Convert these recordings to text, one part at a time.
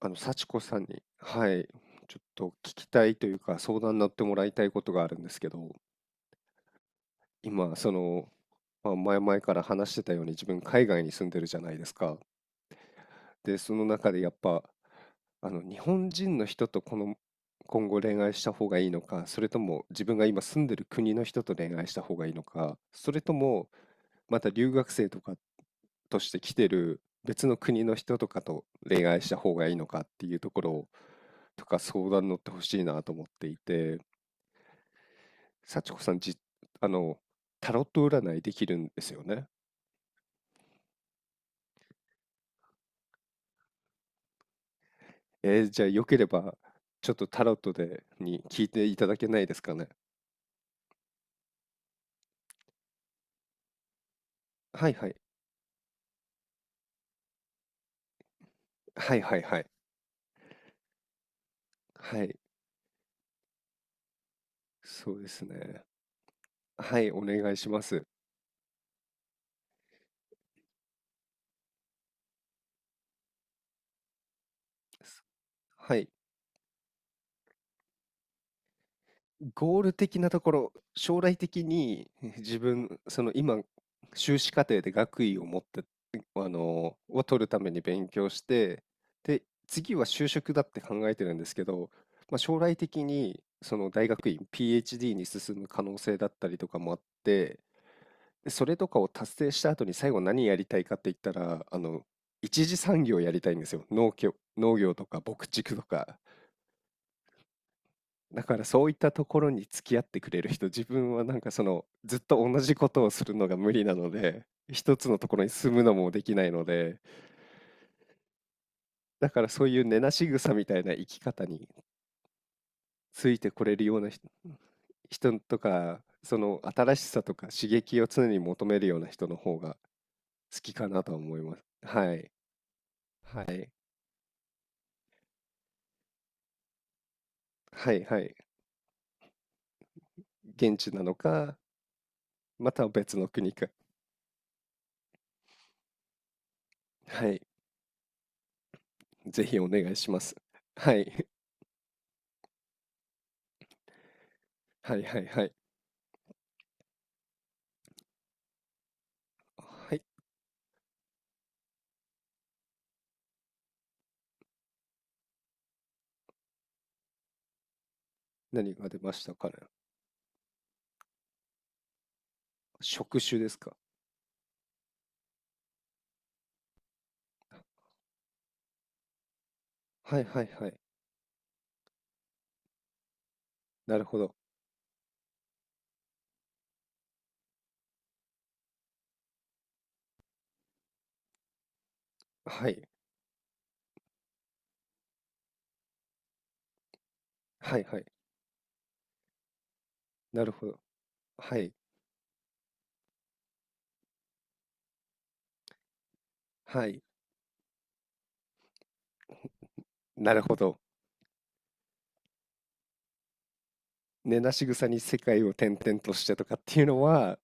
幸子さんに、はい、ちょっと聞きたいというか、相談になってもらいたいことがあるんですけど、今、まあ、前々から話してたように、自分、海外に住んでるじゃないですか。で、その中でやっぱ、日本人の人とこの、今後恋愛した方がいいのか、それとも自分が今住んでる国の人と恋愛した方がいいのか、それともまた留学生とかとして来てる別の国の人とかと恋愛した方がいいのかっていうところとか相談乗ってほしいなと思っていて、幸子さん、あの、タロット占いできるんですよね。じゃあよければ、ちょっとタロットでに聞いていただけないですかね。はいはい。はいはいはい。はい。そうですね。はい、お願いします。はい。ゴール的なところ、将来的に自分、その今、修士課程で学位を持って、を取るために勉強して、で、次は就職だって考えてるんですけど、まあ、将来的にその大学院、PhD に進む可能性だったりとかもあって、でそれとかを達成した後に最後何やりたいかって言ったら、一次産業やりたいんですよ。農業、農業とか牧畜とか。だからそういったところに付き合ってくれる人、自分はなんかそのずっと同じことをするのが無理なので、一つのところに住むのもできないので、だからそういう根なし草みたいな生き方についてこれるような人とか、その新しさとか刺激を常に求めるような人の方が好きかなとは思います。はい。はい。はいはい。現地なのか、または別の国か。はい。ぜひお願いします。はい。はいはいはい。はい。何が出ましたかね。職種ですか。はいはいはい。なるほど。はい。はいはい。なるほど。はい。はい。なるほど。根なし草に世界を転々としてとかっていうのは、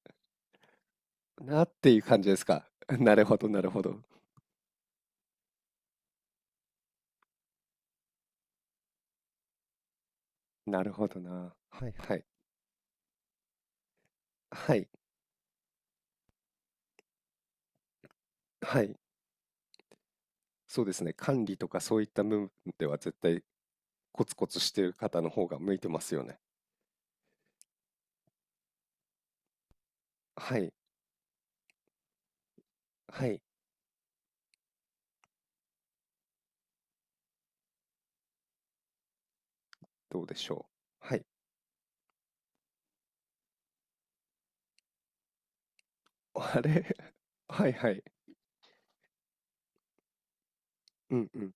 なっていう感じですか。なるほどなるほど。なるほどな。はいはい。はい。はい。そうですね。管理とかそういった部分では絶対コツコツしてる方の方が向いてますよね。はい。はい。どうでしょう。はい。あれ はいはい。うんうん。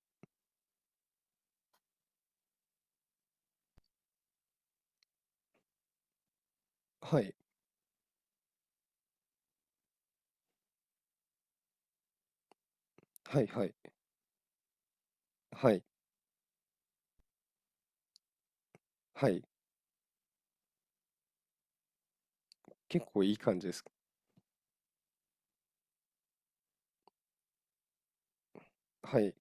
はい。はいはい。はい、はい。結構いい感じです。はい。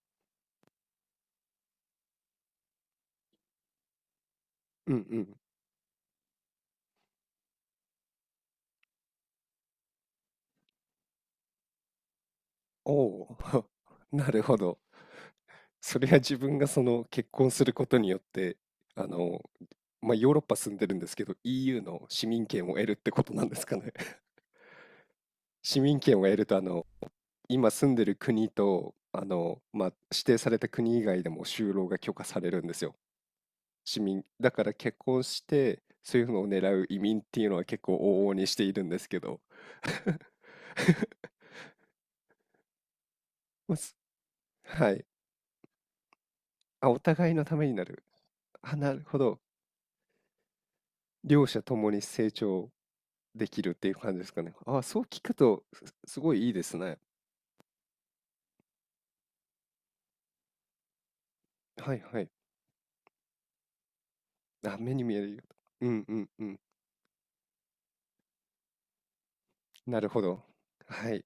うんうん。おお、なるほど。それは自分がその結婚することによって、あの、ヨーロッパ住んでるんですけど、EU の市民権を得るってことなんですかね。市民権を得ると、今住んでる国と、指定された国以外でも就労が許可されるんですよ。市民だから結婚して、そういうのを狙う移民っていうのは結構往々にしているんですけど。まあはい。あ、お互いのためになる。あ、なるほど。両者ともに成長できるっていう感じですかね。あ、そう聞くと、すごいいいですね。はいはい。あ、目に見えるようんうんうん。なるほど。はい。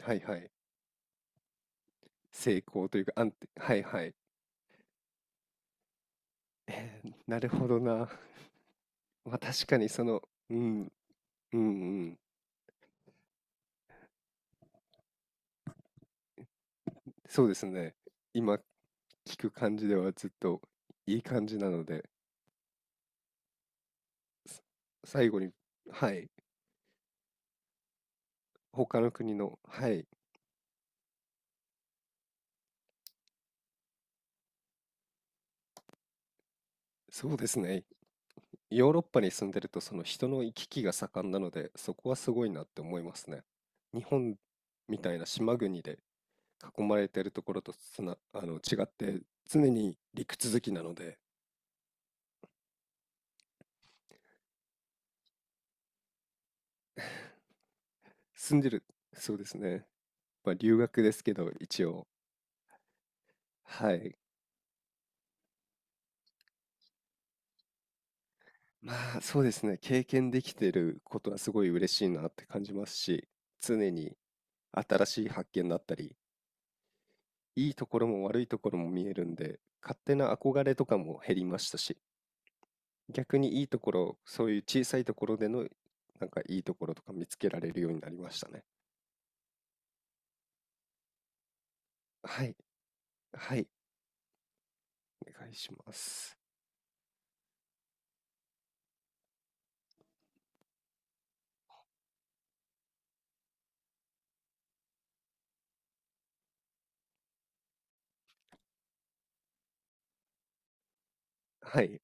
はいはい。成功というか、安定。はいはい。なるほどな。まあ確かにその、うん、うんうん。そうですね。今聞く感じではずっといい感じなので、さ最後に、はい。他の国の、はい。そうですね。ヨーロッパに住んでるとその人の行き来が盛んなのでそこはすごいなって思いますね。日本みたいな島国で囲まれてるところと違って常に陸続きなので住んでる、そうですね。まあ留学ですけど一応。はい。まあそうですね。経験できてることはすごい嬉しいなって感じますし、常に新しい発見だったり、いいところも悪いところも見えるんで、勝手な憧れとかも減りましたし、逆にいいところ、そういう小さいところでの、なんかいいところとか見つけられるようになりましたね。はい、はい、お願いします。はい、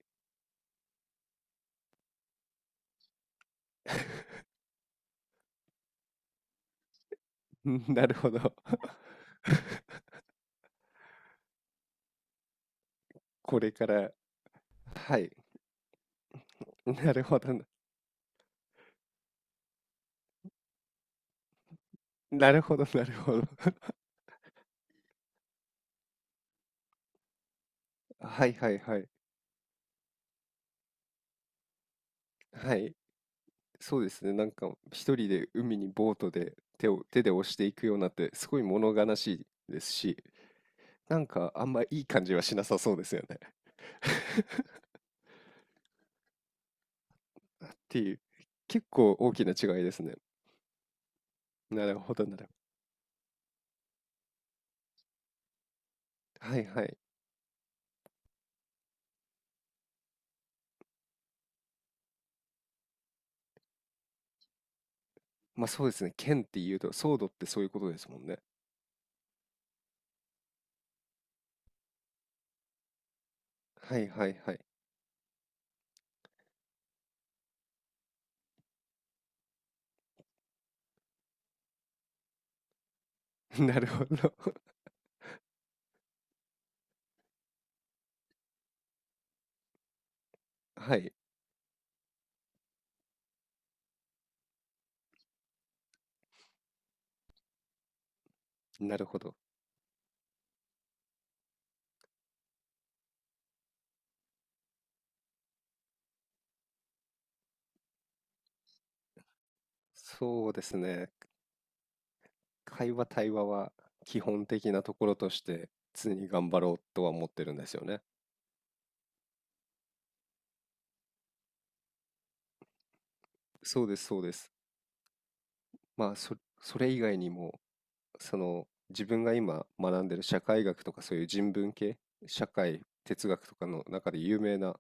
なるほど。これから、はい、なるほどな、なるほどなるほど。はいはいはい、はい、そうですね、なんか一人で海にボートで手を手で押していくようになってすごい物悲しいですし、なんかあんまいい感じはしなさそうですよね。っていう、結構大きな違いですね。なるほど、なるほど。はいはい。まあそうですね。剣って言うと、ソードってそういうことですもんね。はいはいはい。なるほど。はい。なるほど。そうですね。会話、対話は基本的なところとして常に頑張ろうとは思ってるんですよね。そうです、そうです。まあそれ以外にも、その自分が今学んでる社会学とかそういう人文系、社会、哲学とかの中で有名な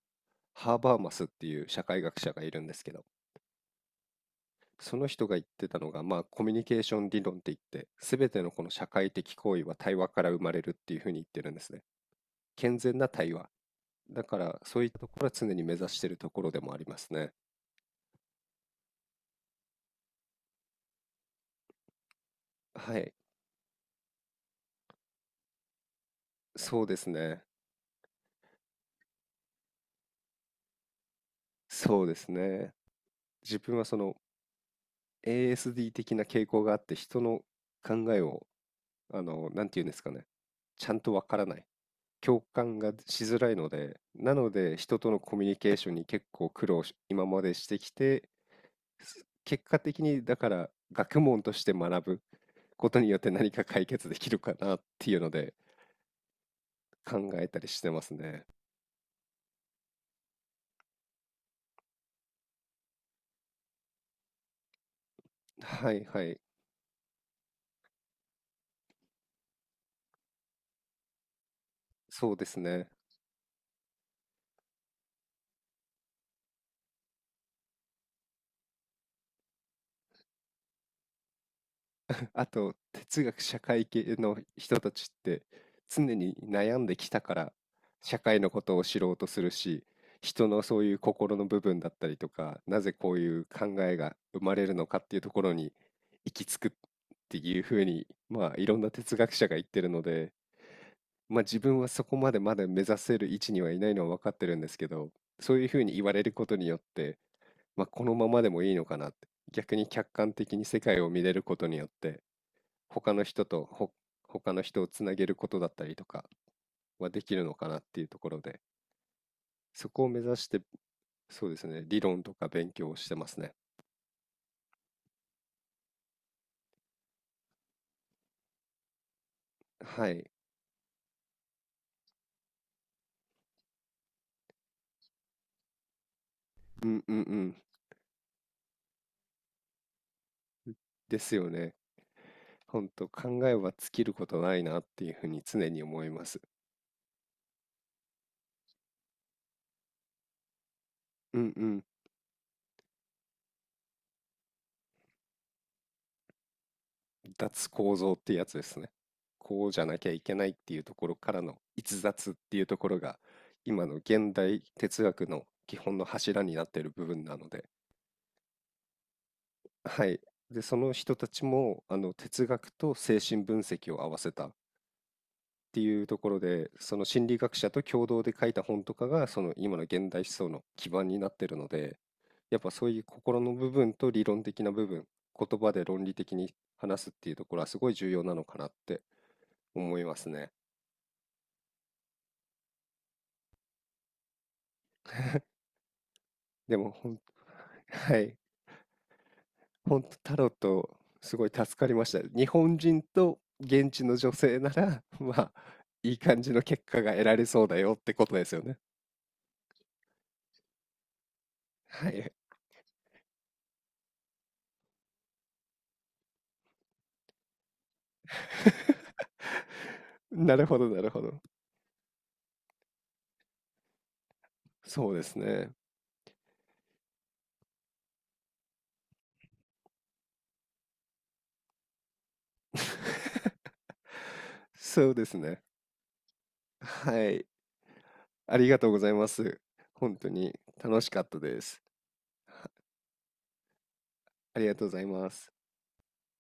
ハーバーマスっていう社会学者がいるんですけど、その人が言ってたのが、まあ、コミュニケーション理論って言って、すべてのこの社会的行為は対話から生まれるっていうふうに言ってるんですね。健全な対話。だから、そういったところは常に目指しているところでもありますね。はい。そうですね。そうですね。自分はその ASD 的な傾向があって、人の考えを、なんて言うんですかね。ちゃんとわからない。共感がしづらいので、なので人とのコミュニケーションに結構苦労し、今までしてきて、結果的にだから学問として学ぶことによって何か解決できるかなっていうので考えたりしてますね。はいはい、そうですね。あと哲学社会系の人たちって常に悩んできたから社会のことを知ろうとするし、人のそういう心の部分だったりとか、なぜこういう考えが生まれるのかっていうところに行き着くっていうふうに、まあいろんな哲学者が言ってるので、まあ、自分はそこまでまだ目指せる位置にはいないのは分かってるんですけど、そういうふうに言われることによって、まあ、このままでもいいのかなって、逆に客観的に世界を見れることによって、他の人とほ他の人をつなげることだったりとかはできるのかなっていうところで、そこを目指して、そうですね、理論とか勉強をしてますね。はい。うんうんうん。ですよね。ほんと考えは尽きることないなっていうふうに常に思います。うんうん。脱構造ってやつですね。こうじゃなきゃいけないっていうところからの逸脱っていうところが今の現代哲学の基本の柱になっている部分なので、はい。で、その人たちもあの哲学と精神分析を合わせたっていうところで、その心理学者と共同で書いた本とかがその今の現代思想の基盤になっているので、やっぱそういう心の部分と理論的な部分、言葉で論理的に話すっていうところはすごい重要なのかなって思いますね。でもほん はい、本当タロットすごい助かりました。日本人と現地の女性なら、まあ、いい感じの結果が得られそうだよってことですよね。はい。なるほどなるほど。そうですね。そうですね。はい。ありがとうございます。本当に楽しかったです。ありがとうございます。